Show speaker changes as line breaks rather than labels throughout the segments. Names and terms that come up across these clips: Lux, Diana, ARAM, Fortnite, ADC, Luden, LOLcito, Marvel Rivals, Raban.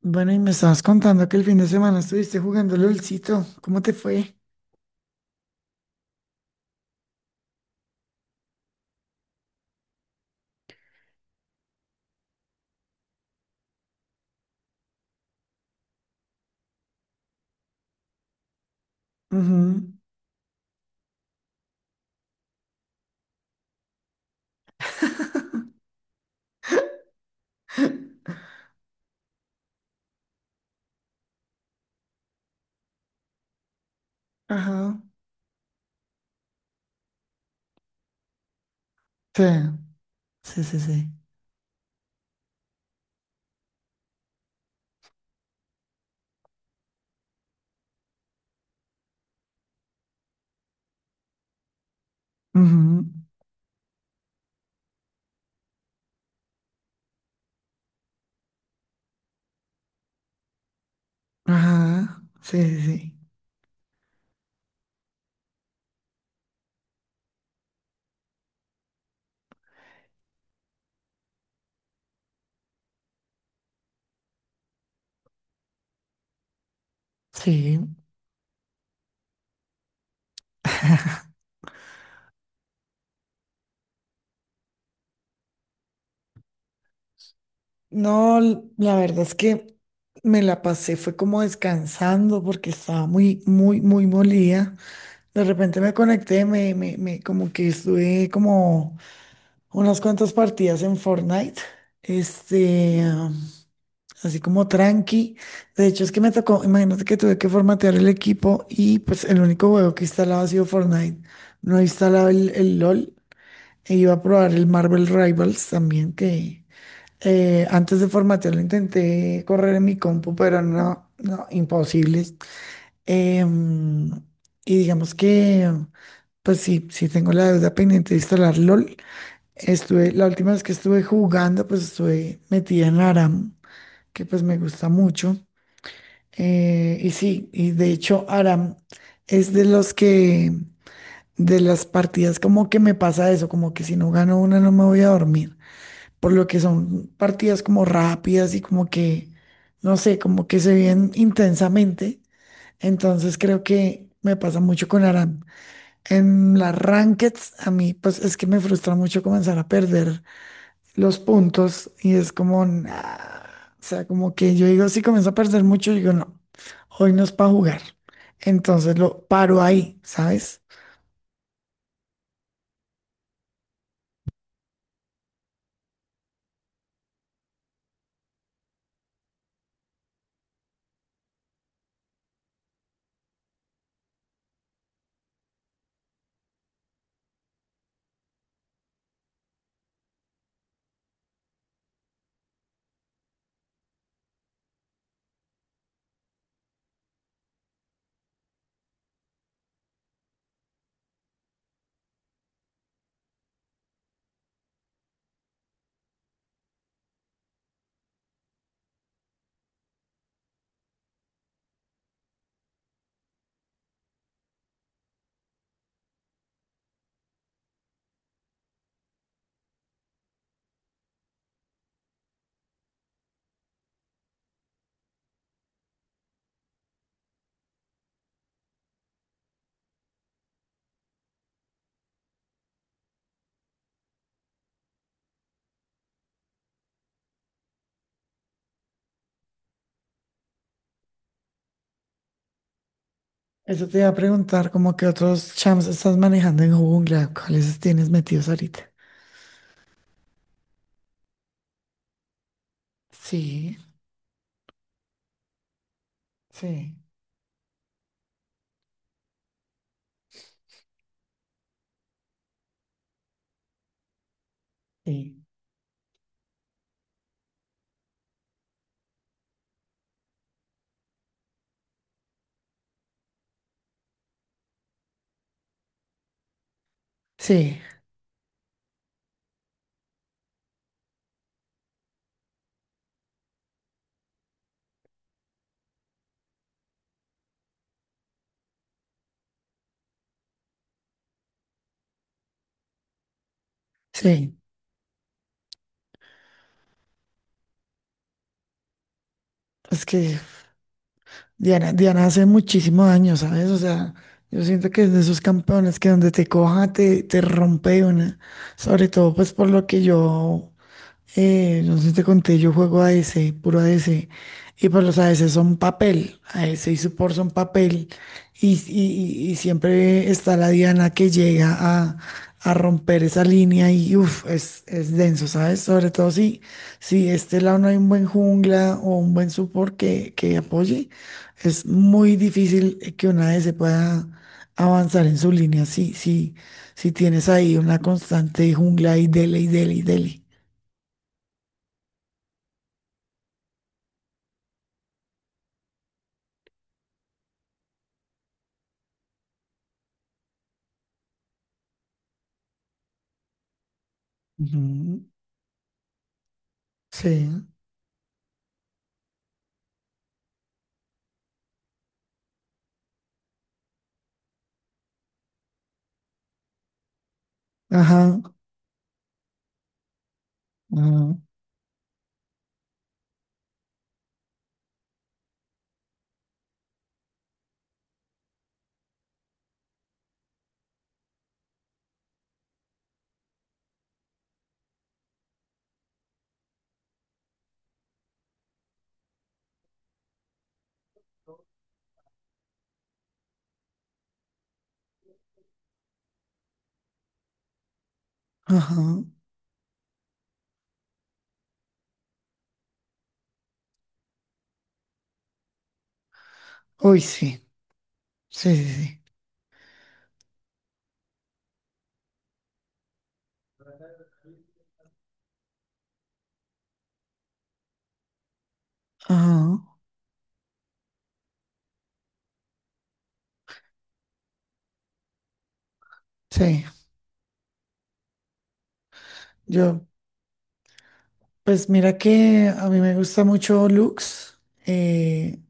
Bueno, y me estabas contando que el fin de semana estuviste jugando LOLcito. ¿Cómo te fue? Ujú. Ajá. Sí, sí, sí, sí. Ujú. Ajá. Sí, sí, sí. Sí. No, la verdad es que me la pasé, fue como descansando porque estaba muy, muy, muy molida. De repente me conecté, como que estuve como unas cuantas partidas en Fortnite. Este, así como tranqui. De hecho, es que me tocó, imagínate que tuve que formatear el equipo y pues el único juego que instalaba ha sido Fortnite. No he instalado el LOL e iba a probar el Marvel Rivals también, que antes de formatearlo intenté correr en mi compu, pero no, no, imposible. Em, y digamos que, pues sí, sí tengo la deuda pendiente de instalar LOL. Estuve, la última vez que estuve jugando, pues estuve metida en ARAM, que pues me gusta mucho. Y sí, y de hecho Aram es de los que, de las partidas como que me pasa eso, como que si no gano una no me voy a dormir, por lo que son partidas como rápidas y como que, no sé, como que se viven intensamente. Entonces creo que me pasa mucho con Aram. En las rankeds a mí pues es que me frustra mucho comenzar a perder los puntos y es como, nah, o sea, como que yo digo, si comienzo a perder mucho, digo, no, hoy no es para jugar. Entonces lo paro ahí, ¿sabes? Eso te iba a preguntar, como que otros champs estás manejando en jungla, ¿cuáles tienes metidos ahorita? Sí, sí, sí, sí, sí. Es que Diana, Diana hace muchísimo daño, ¿sabes? O sea, yo siento que es de esos campeones que donde te coja te, te rompe de una. Sobre todo, pues por lo que yo. No sé si te conté, yo juego a D C, puro a D C, y pues los a D C son papel, a D C y support son papel, y, y siempre está la Diana que llega a romper esa línea y uff, es denso, ¿sabes? Sobre todo si, si de este lado no hay un buen jungla o un buen support que apoye, es muy difícil que una A D ADC pueda avanzar en su línea, si, si, si tienes ahí una constante jungla y dele y dele y dele. Ujú, sí, ajá, ajá, ajá. Uy, sí, sí, sí, sí. Ajá, sí. Yo, pues mira que a mí me gusta mucho Lux. eh,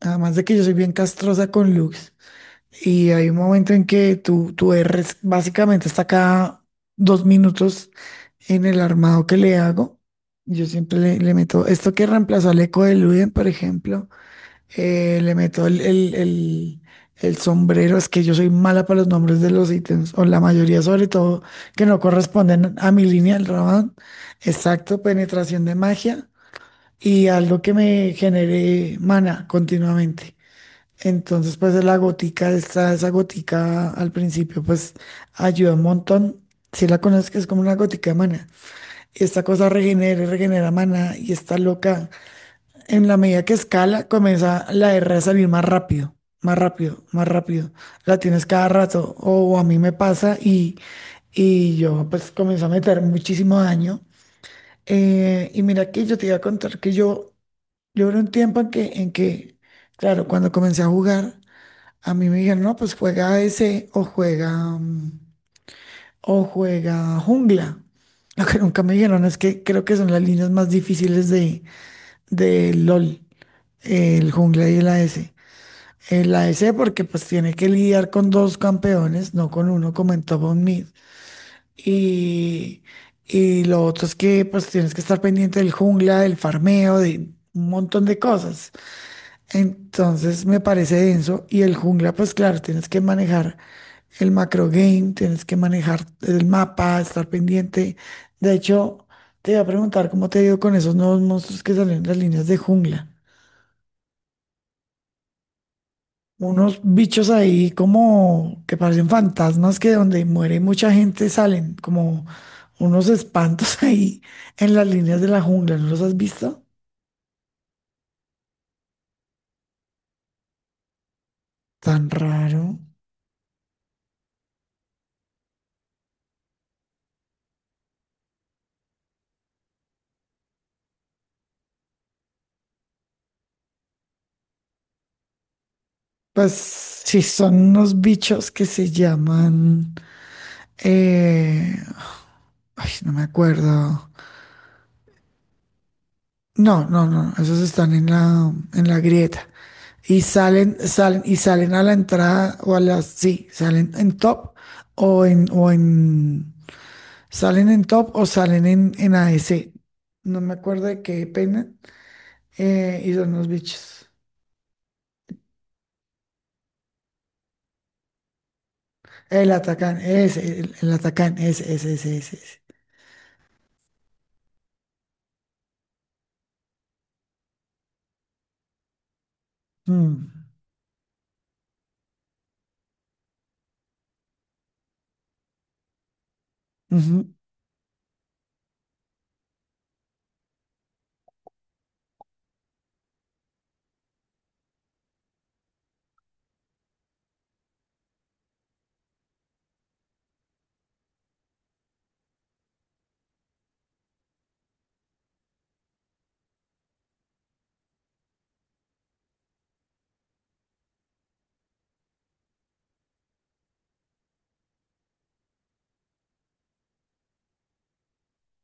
además de que yo soy bien castrosa con Lux. Y hay un momento en que tú erres, básicamente está cada 2 minutos en el armado que le hago. Yo siempre le meto esto que reemplazó al eco de Luden, por ejemplo. Le meto el sombrero, es que yo soy mala para los nombres de los ítems, o la mayoría sobre todo, que no corresponden a mi línea del Raban. Exacto, penetración de magia y algo que me genere mana continuamente. Entonces, pues la gotica, esta, esa gotica al principio, pues ayuda un montón. Si la conoces, que es como una gotica de mana. Y esta cosa regenera, y regenera mana y está loca. En la medida que escala, comienza la R a salir más rápido, más rápido, más rápido. La tienes cada rato. O a mí me pasa y yo pues comienzo a meter muchísimo daño. Y mira que yo te iba a contar que yo era un tiempo en que, claro, cuando comencé a jugar, a mí me dijeron, no, pues juega ADC o juega, mm, o juega jungla. Lo que nunca me dijeron es que creo que son las líneas más difíciles de LOL, el jungla y el AS en la E C, porque pues tiene que lidiar con dos campeones, no con uno como en Top of Mid. Y, y lo otro es que pues tienes que estar pendiente del jungla, del farmeo, de un montón de cosas. Entonces me parece denso. Y el jungla, pues claro, tienes que manejar el macro game, tienes que manejar el mapa, estar pendiente. De hecho, te iba a preguntar cómo te ha ido con esos nuevos monstruos que salieron en las líneas de jungla. Unos bichos ahí como que parecen fantasmas que donde muere mucha gente salen como unos espantos ahí en las líneas de la jungla. ¿No los has visto? Tan raro. Pues sí, son unos bichos que se llaman... eh, ay, no me acuerdo. No, no, no, esos están en la grieta. Y salen, salen, y salen a la entrada o a las, sí, salen en top o en, o en, salen en top o salen en ADC. No me acuerdo de qué peinan. Y son los bichos. El atacán, ese, ese, ese, ese, ese. Mm, ujú.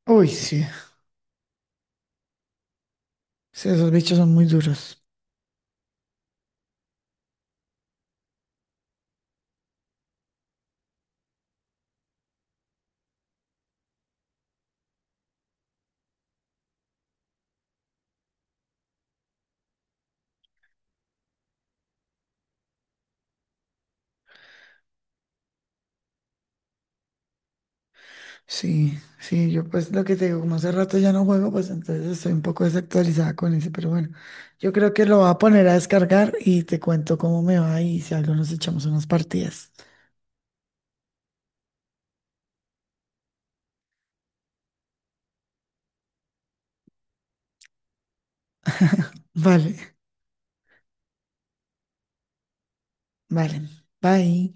Uy, sí. Sí, esos bichos son muy duros. Sí, sí, yo pues lo que te digo, como hace rato ya no juego, pues entonces estoy un poco desactualizada con ese, pero bueno, yo creo que lo voy a poner a descargar y te cuento cómo me va y si algo nos echamos unas partidas. Vale, vale. Bye.